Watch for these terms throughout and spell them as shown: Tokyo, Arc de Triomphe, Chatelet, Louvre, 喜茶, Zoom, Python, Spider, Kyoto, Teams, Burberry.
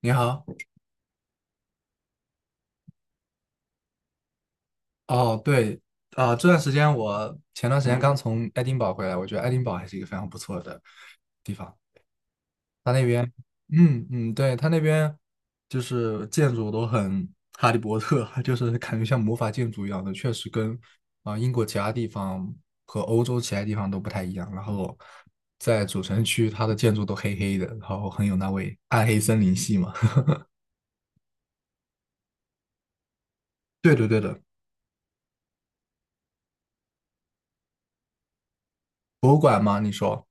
你好。哦，对，这段时间我前段时间刚从爱丁堡回来，我觉得爱丁堡还是一个非常不错的地方。它那边，嗯嗯，对，它那边就是建筑都很哈利波特，就是感觉像魔法建筑一样的，确实跟英国其他地方和欧洲其他地方都不太一样。然后在主城区，它的建筑都黑黑的，然后很有那味暗黑森林系嘛。对的对的。博物馆吗？你说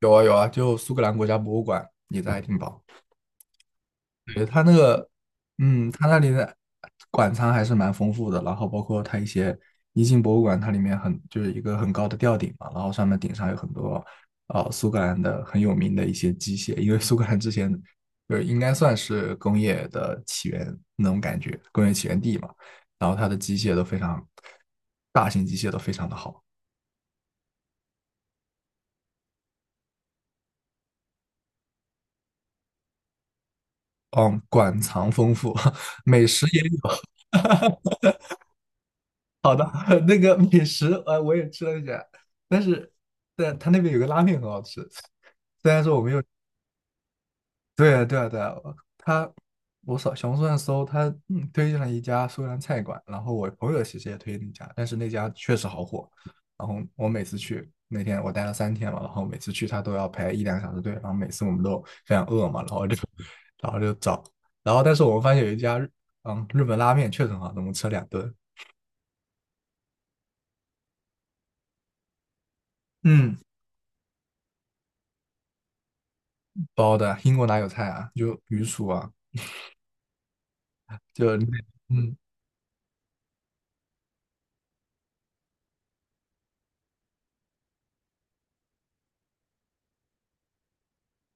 有啊有啊，就苏格兰国家博物馆也在爱丁堡。对，它那个，嗯，它那里的馆藏还是蛮丰富的，然后包括它一些一进博物馆，它里面很就是一个很高的吊顶嘛，然后上面顶上有很多苏格兰的很有名的一些机械，因为苏格兰之前就是应该算是工业的起源那种感觉，工业起源地嘛，然后它的机械都非常大型机械都非常的好。嗯，馆藏丰富，美食也有。好的。那个美食，我也吃了一下，但是，但他那边有个拉面很好吃。对啊，对啊，对啊。他，我扫小红书上搜，他推荐了一家苏格兰菜馆，然后我朋友其实也推荐那家，但是那家确实好火，然后我每次去，那天我待了三天嘛，然后每次去他都要排一两个小时队，然后每次我们都非常饿嘛，然后就 然后就找，然后但是我们发现有一家日日本拉面确实很好吃，我们吃了两顿。嗯，包的英国哪有菜啊，就鱼薯啊，就嗯。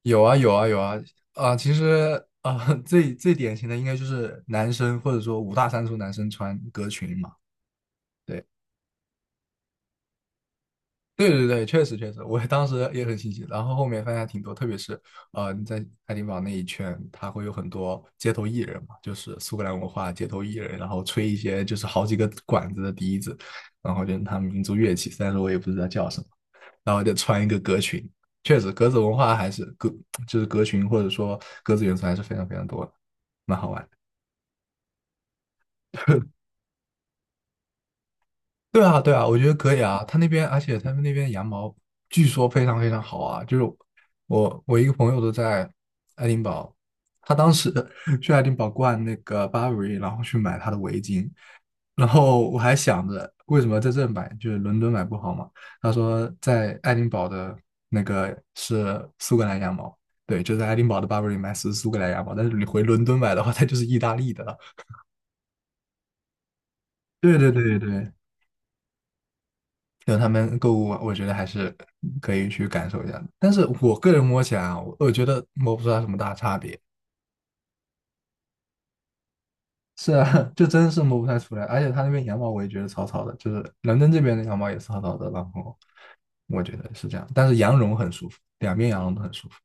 有啊有啊有啊。啊！其实啊，最最典型的应该就是男生或者说五大三粗男生穿格裙嘛。对对对对，确实确实，我当时也很新奇，然后后面发现还挺多，特别是你在爱丁堡那一圈，他会有很多街头艺人嘛，就是苏格兰文化街头艺人，然后吹一些就是好几个管子的笛子，然后就是他们民族乐器，虽然说我也不知道叫什么。然后就穿一个格裙。确实，格子文化还是就是格裙或者说格子元素还是非常非常多的，蛮好玩。对啊，对啊，我觉得可以啊。他那边，而且他们那边羊毛据说非常非常好啊。就是我一个朋友都在爱丁堡，他当时 去爱丁堡逛那个 Burberry,然后去买他的围巾，然后我还想着为什么在这买，就是伦敦买不好嘛。他说在爱丁堡的那个是苏格兰羊毛。对，就在爱丁堡的 Burberry 买是苏格兰羊毛，但是你回伦敦买的话，它就是意大利的了。对对对对，就他们购物嘛我觉得还是可以去感受一下的。但是我个人摸起来啊，我觉得摸不出来什么大差别。是啊，就真是摸不太出来。而且他那边羊毛我也觉得草草的，就是伦敦这边的羊毛也是草草的。然后我觉得是这样，但是羊绒很舒服，两边羊绒都很舒服。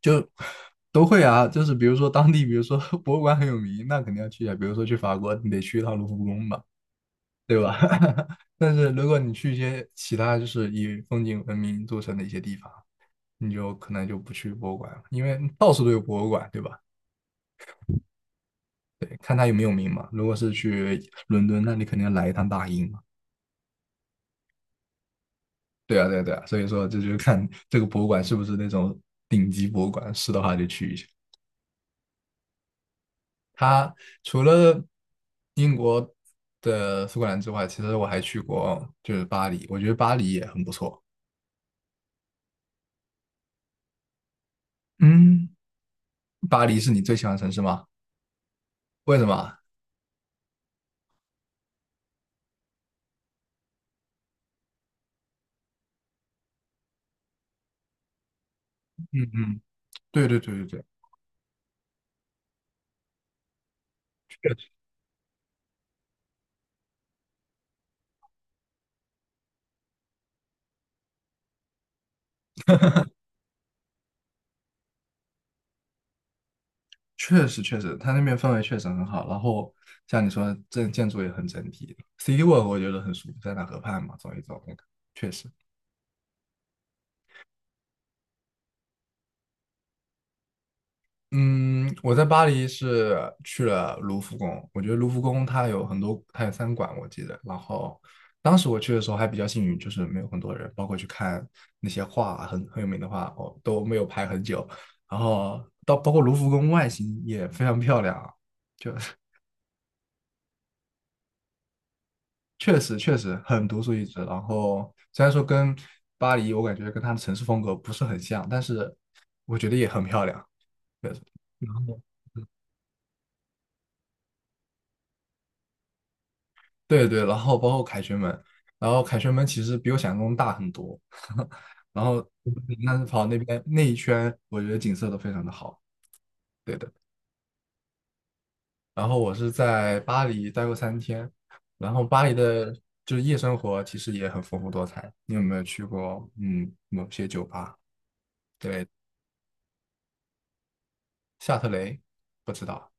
就 都会啊。就是比如说当地，比如说 博物馆很有名，那肯定要去啊。比如说去法国，你得去一趟卢浮宫吧。对吧？但是如果你去一些其他就是以风景闻名著称的一些地方，你就可能就不去博物馆了，因为到处都有博物馆，对吧？啊，如果是去伦敦，那你肯定要来一趟大英嘛。对啊，对啊，对啊，所以说这就是看这个博物馆是不是那种顶级博物馆，是的话就去一下。它除了英国的苏格兰之外，其实我还去过就是巴黎，我觉得巴黎也很不错。嗯，巴黎是你最喜欢的城市吗？为什么？嗯嗯。对对对对对。确确实确实，它那边氛围确实很好。然后像你说，这建筑也很整体。City Walk 我觉得很舒服，在那河畔嘛，走一走那个确实。嗯，我在巴黎是去了卢浮宫，我觉得卢浮宫它有很多，它有三馆我记得。然后当时我去的时候还比较幸运，就是没有很多人，包括去看那些画，很很有名的画，哦都没有排很久。然后到包括卢浮宫外形也非常漂亮啊，就确实确实很独树一帜。然后虽然说跟巴黎，我感觉跟它的城市风格不是很像，但是我觉得也很漂亮。对，然后对对，然后包括凯旋门，然后凯旋门其实比我想象中大很多。然后但是跑那边那一圈，我觉得景色都非常的好。对的。然后我是在巴黎待过三天，然后巴黎的就是夜生活其实也很丰富多彩。你有没有去过某些酒吧？对。夏特雷，不知道。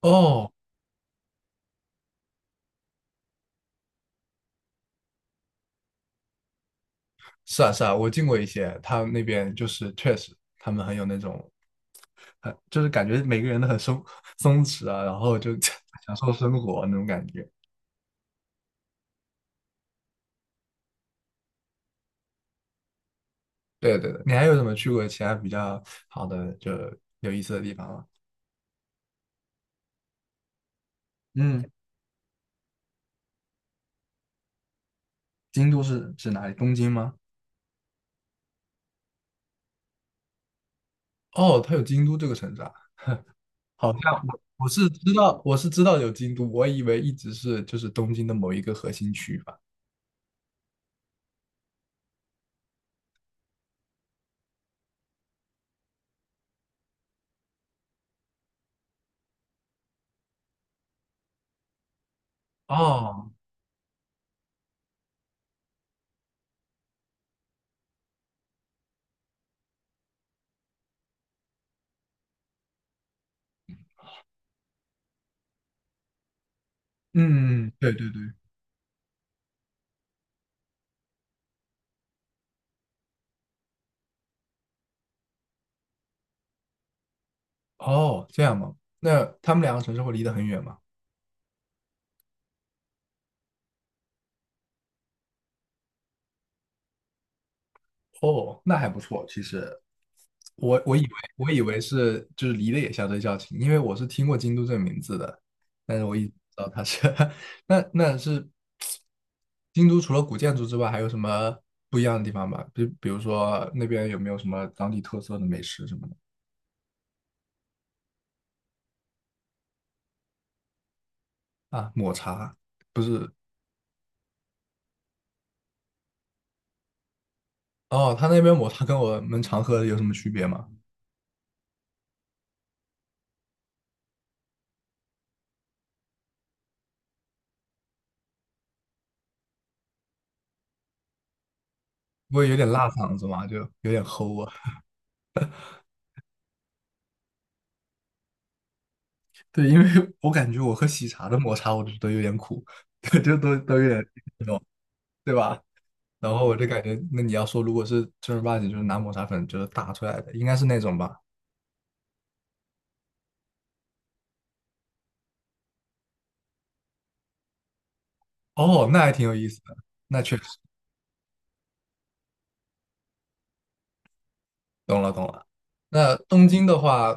哦，是啊是啊，我进过一些，他们那边就是确实，他们很有那种，很就是感觉每个人都很松松弛啊，然后就 享受生活那种感觉。对对对，你还有什么去过其他比较好的就有意思的地方吗？嗯，京都是指哪里？东京吗？哦，它有京都这个城市啊。好像我是知道，我是知道有京都，我以为一直是就是东京的某一个核心区吧。哦，嗯，对对对。哦，这样吗？那他们两个城市会离得很远吗？哦，那还不错。其实我以为我以为是就是离得也相对较近，因为我是听过京都这个名字的，但是我一直不知道它是 那那是京都除了古建筑之外，还有什么不一样的地方吗？比如说那边有没有什么当地特色的美食什么的？啊？抹茶不是。哦，他那边抹茶跟我们常喝的有什么区别吗？不会有点辣嗓子吗？就有点齁啊。对，因为 我感觉我喝喜茶的抹茶，我就觉得有点苦，就都都有点那种，对吧？然后我就感觉，那你要说如果是正儿八经就是拿抹茶粉就是打出来的，应该是那种吧？哦，那还挺有意思的，那确实懂了懂了。那东京的话，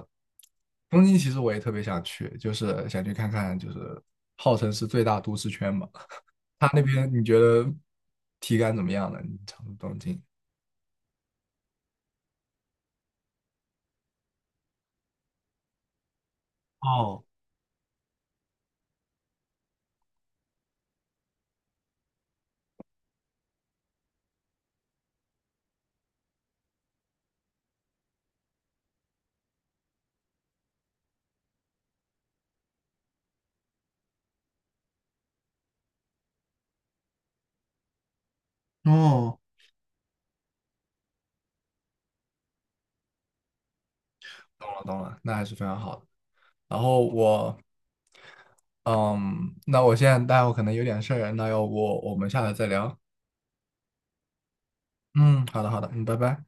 东京其实我也特别想去，就是想去看看，就是号称是最大都市圈嘛，它那边你觉得体感怎么样呢？你常住东京？哦哦，懂了懂了，那还是非常好的。然后我，嗯，那我现在待会可能有点事儿，那要不我们下来再聊？嗯，好的好的，嗯，拜拜。